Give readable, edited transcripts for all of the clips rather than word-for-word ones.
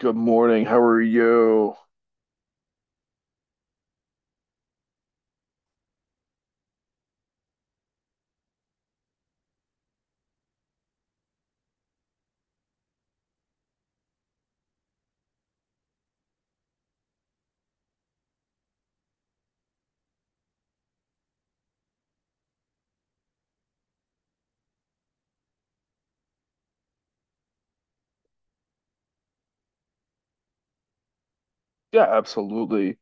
Good morning. How are you? Yeah, absolutely.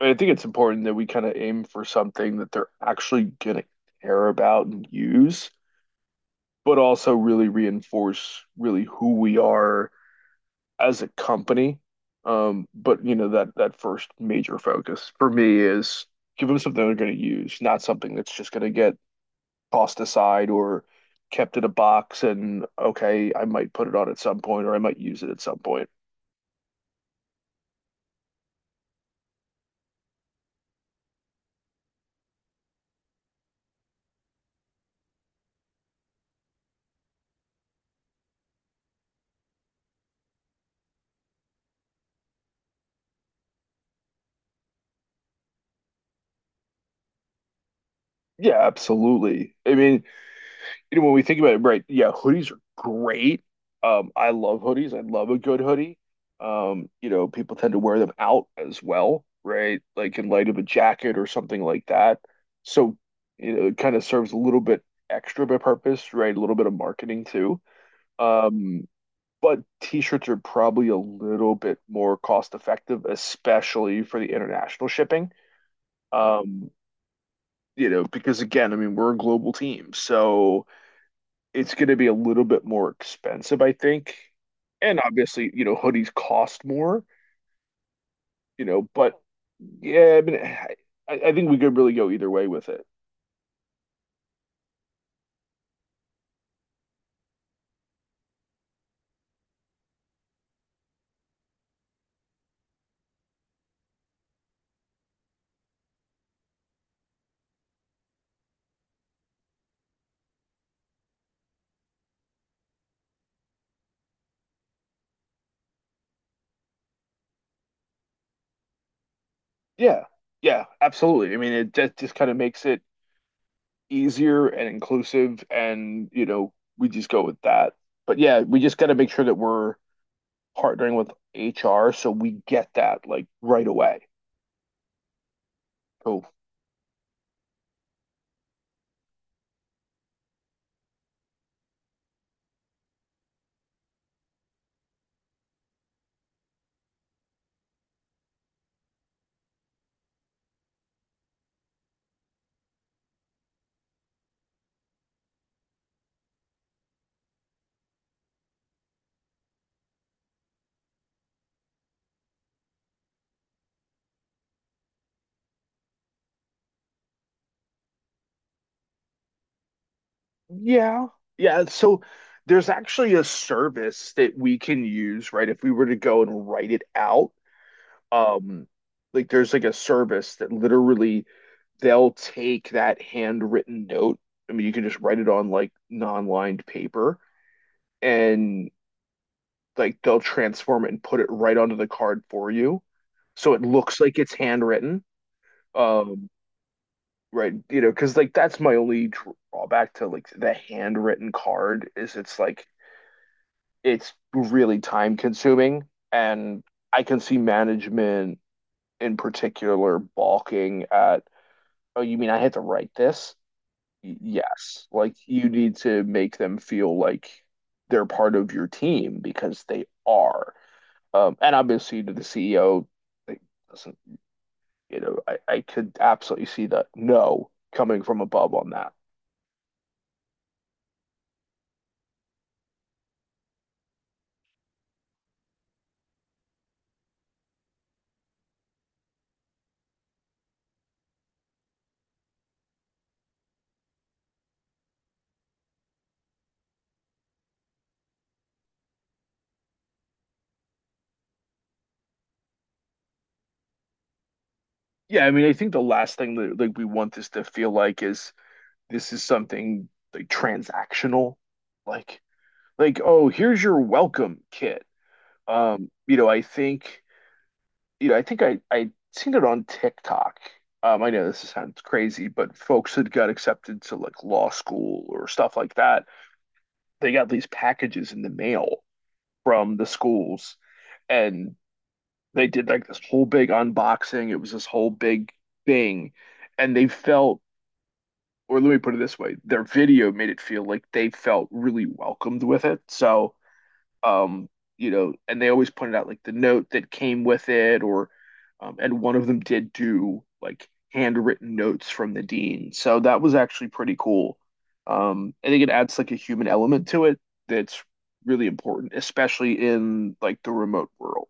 I think it's important that we kind of aim for something that they're actually gonna care about and use, but also really reinforce really who we are as a company. But you know that first major focus for me is give them something they're gonna use, not something that's just gonna get tossed aside or kept in a box and okay, I might put it on at some point or I might use it at some point. Yeah, absolutely. I mean, you know, when we think about it, right? Yeah, hoodies are great. I love hoodies. I love a good hoodie. You know, people tend to wear them out as well, right? Like in light of a jacket or something like that. So, you know, it kind of serves a little bit extra of a purpose, right? A little bit of marketing too. Um, but t-shirts are probably a little bit more cost effective, especially for the international shipping. Um, you know, because again, I mean, we're a global team, so it's going to be a little bit more expensive, I think. And obviously, you know, hoodies cost more, you know, but yeah, I mean, I think we could really go either way with it. Yeah. Yeah, absolutely. I mean, it just kind of makes it easier and inclusive and, you know, we just go with that. But yeah, we just got to make sure that we're partnering with HR so we get that like right away. Cool. Yeah. Yeah. So there's actually a service that we can use, right? If we were to go and write it out, um, like there's like a service that literally they'll take that handwritten note. I mean, you can just write it on like non-lined paper and like they'll transform it and put it right onto the card for you. So it looks like it's handwritten. Um, right, you know, because like that's my only drawback to like the handwritten card is it's like it's really time consuming. And I can see management in particular balking at, oh, you mean I had to write this? Yes. Like you need to make them feel like they're part of your team because they are. And obviously to the CEO, like, doesn't, you know, I could absolutely see the no coming from above on that. Yeah, I mean, I think the last thing that like we want this to feel like is this is something like transactional, like like oh here's your welcome kit. You know, I think you know, I think I seen it on TikTok. I know this sounds crazy, but folks that got accepted to like law school or stuff like that, they got these packages in the mail from the schools, and they did like this whole big unboxing. It was this whole big thing, and they felt or let me put it this way, their video made it feel like they felt really welcomed with it. So, um, you know, and they always pointed out like the note that came with it, or, and one of them did do like handwritten notes from the dean. So that was actually pretty cool. I think it adds like a human element to it that's really important, especially in like the remote world.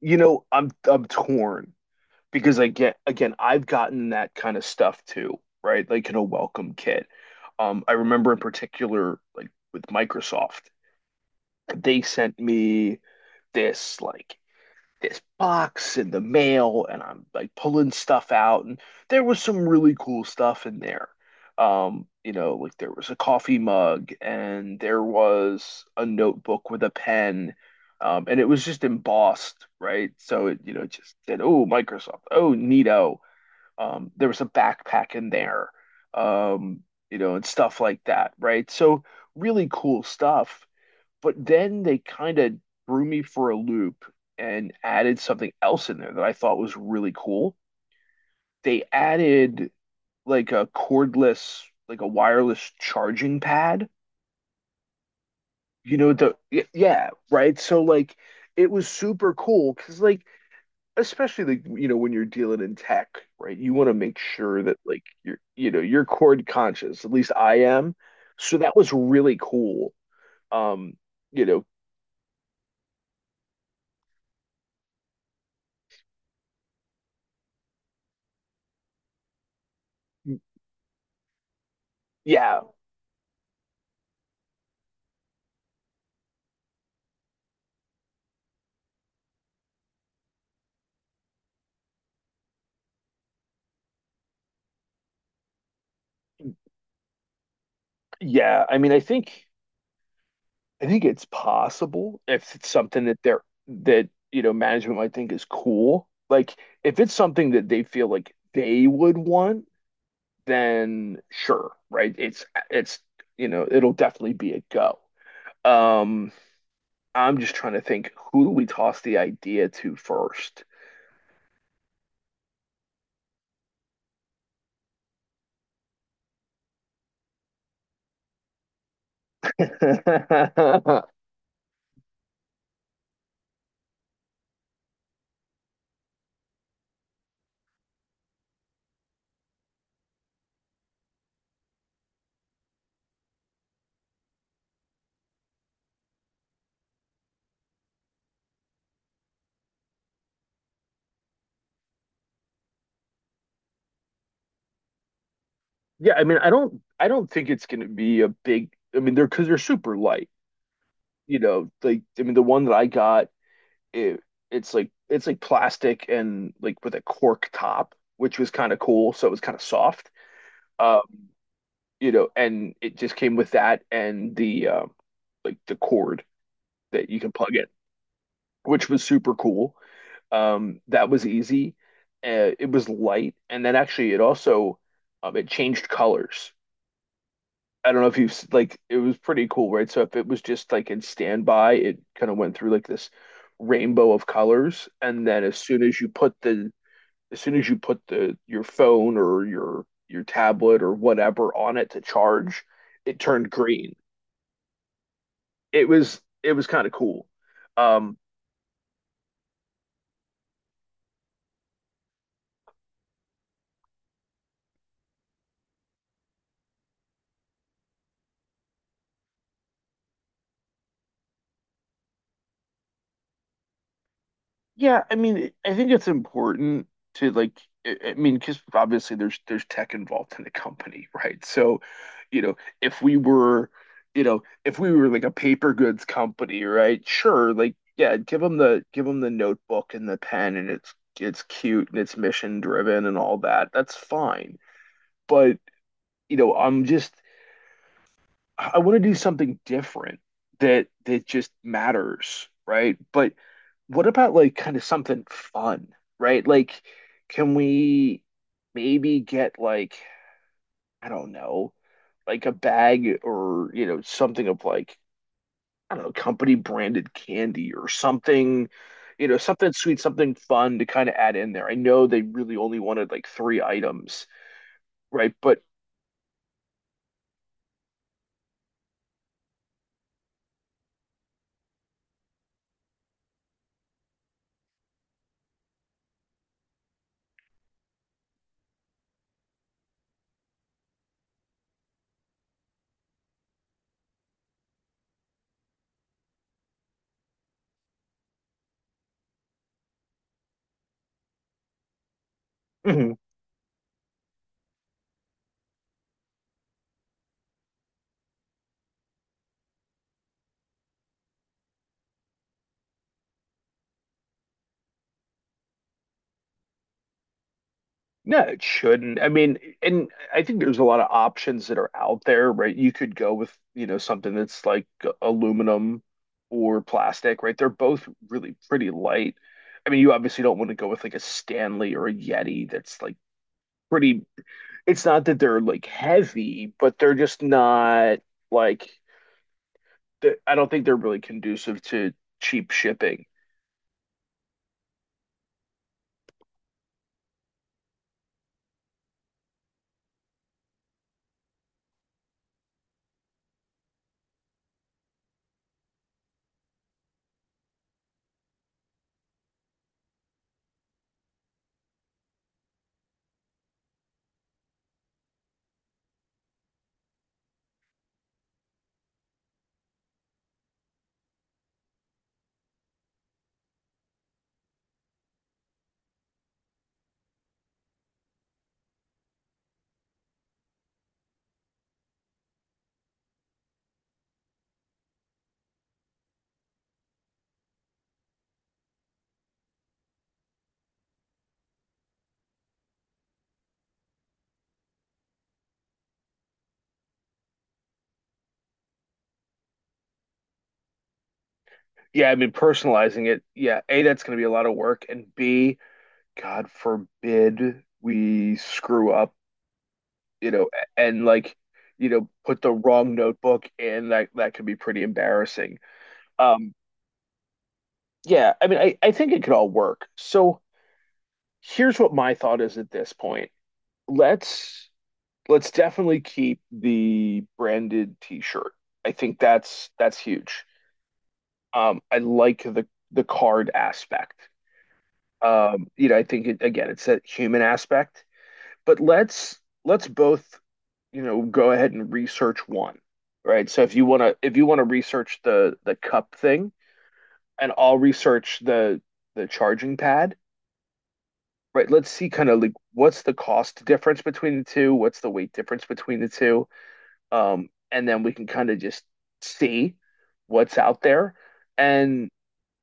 You know, I'm torn because again, I've gotten that kind of stuff too, right? Like in a welcome kit. I remember in particular, like with Microsoft, they sent me this like this box in the mail, and I'm like pulling stuff out, and there was some really cool stuff in there. You know, like there was a coffee mug, and there was a notebook with a pen. And it was just embossed, right? So it, you know, just said, "Oh, Microsoft. Oh, neato." There was a backpack in there, um, you know, and stuff like that, right? So really cool stuff. But then they kind of threw me for a loop and added something else in there that I thought was really cool. They added like a cordless, like a wireless charging pad. You know, the yeah, right? So like it was super cool because like especially like you know when you're dealing in tech, right? You want to make sure that like you're you know you're chord conscious. At least I am. So that was really cool. Um, you know, yeah, yeah. I mean, I think it's possible if it's something that they're that you know management might think is cool. Like if it's something that they feel like they would want, then sure, right? It's you know it'll definitely be a go. Um, I'm just trying to think who do we toss the idea to first? Yeah, I mean, I don't think it's going to be a big I mean, they're because they're super light, you know, like I mean, the one that I got it, it's like plastic and like with a cork top, which was kind of cool, so it was kind of soft. Uh, you know, and it just came with that and the like the cord that you can plug in, which was super cool. That was easy. It was light, and then actually it also it changed colors. I don't know if you've like it was pretty cool, right? So if it was just like in standby, it kind of went through like this rainbow of colors, and then as soon as you put the as soon as you put the your phone or your tablet or whatever on it to charge, it turned green. It was kind of cool. Um, yeah, I mean, it- I think it's important to like, I mean, because obviously there's tech involved in the company, right? So, you know, if we were, you know, if we were like a paper goods company, right? Sure, like, yeah, give them the notebook and the pen, and it's cute and it's mission driven and all that. That's fine. But you know, I'm just I want to do something different that that just matters, right? But what about like kind of something fun, right? Like, can we maybe get like, I don't know, like a bag or, you know, something of like, I don't know, company branded candy or something, you know, something sweet, something fun to kind of add in there. I know they really only wanted like three items, right? But No, it shouldn't. I mean, and I think there's a lot of options that are out there, right? You could go with, you know, something that's like aluminum or plastic, right? They're both really pretty light. I mean, you obviously don't want to go with like a Stanley or a Yeti that's like pretty, it's not that they're like heavy, but they're just not like, I don't think they're really conducive to cheap shipping. Yeah, I mean, personalizing it, yeah, A, that's going to be a lot of work, and B, God forbid we screw up, you know, and like, you know, put the wrong notebook in. That could be pretty embarrassing. Um, yeah, I mean, I think it could all work. So here's what my thought is at this point. Let's let's definitely keep the branded t-shirt. I think that's huge. I like the card aspect. You know, I think it, again, it's that human aspect. But let's both you know, go ahead and research one, right? So if you want to if you want to research the cup thing and I'll research the charging pad, right? Let's see kind of like what's the cost difference between the two, what's the weight difference between the two, and then we can kind of just see what's out there. And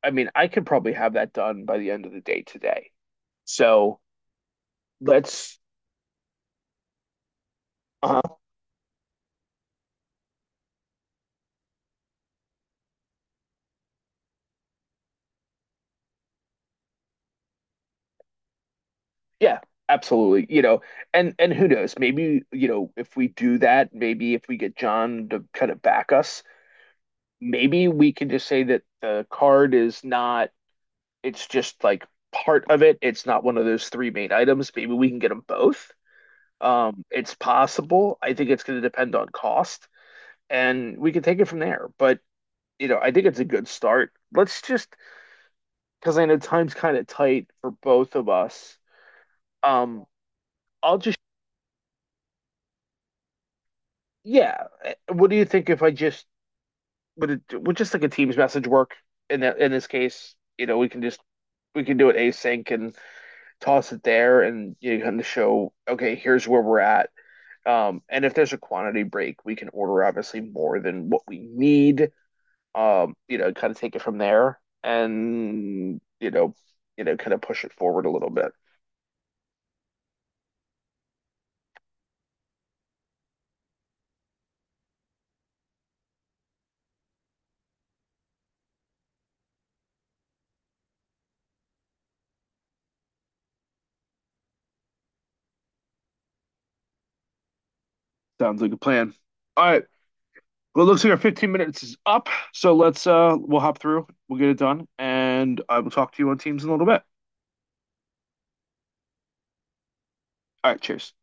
I mean, I could probably have that done by the end of the day today. So let's Um, yeah, absolutely. You know, and who knows? Maybe, you know, if we do that, maybe if we get John to kind of back us, maybe we can just say that the card is not, it's just like part of it. It's not one of those three main items. Maybe we can get them both. It's possible. I think it's going to depend on cost, and we can take it from there. But, you know, I think it's a good start. Let's just, because I know time's kind of tight for both of us. Um, I'll just yeah. What do you think if I just would it would just like a Teams message work in that in this case? You know, we can just we can do it async and toss it there, and you kind of show okay, here's where we're at. And if there's a quantity break, we can order obviously more than what we need. You know, kind of take it from there, and you know, kind of push it forward a little bit. Sounds like a plan. All right. Well, it looks like our 15 minutes is up, so let's we'll hop through, we'll get it done, and I will talk to you on Teams in a little bit. All right, cheers.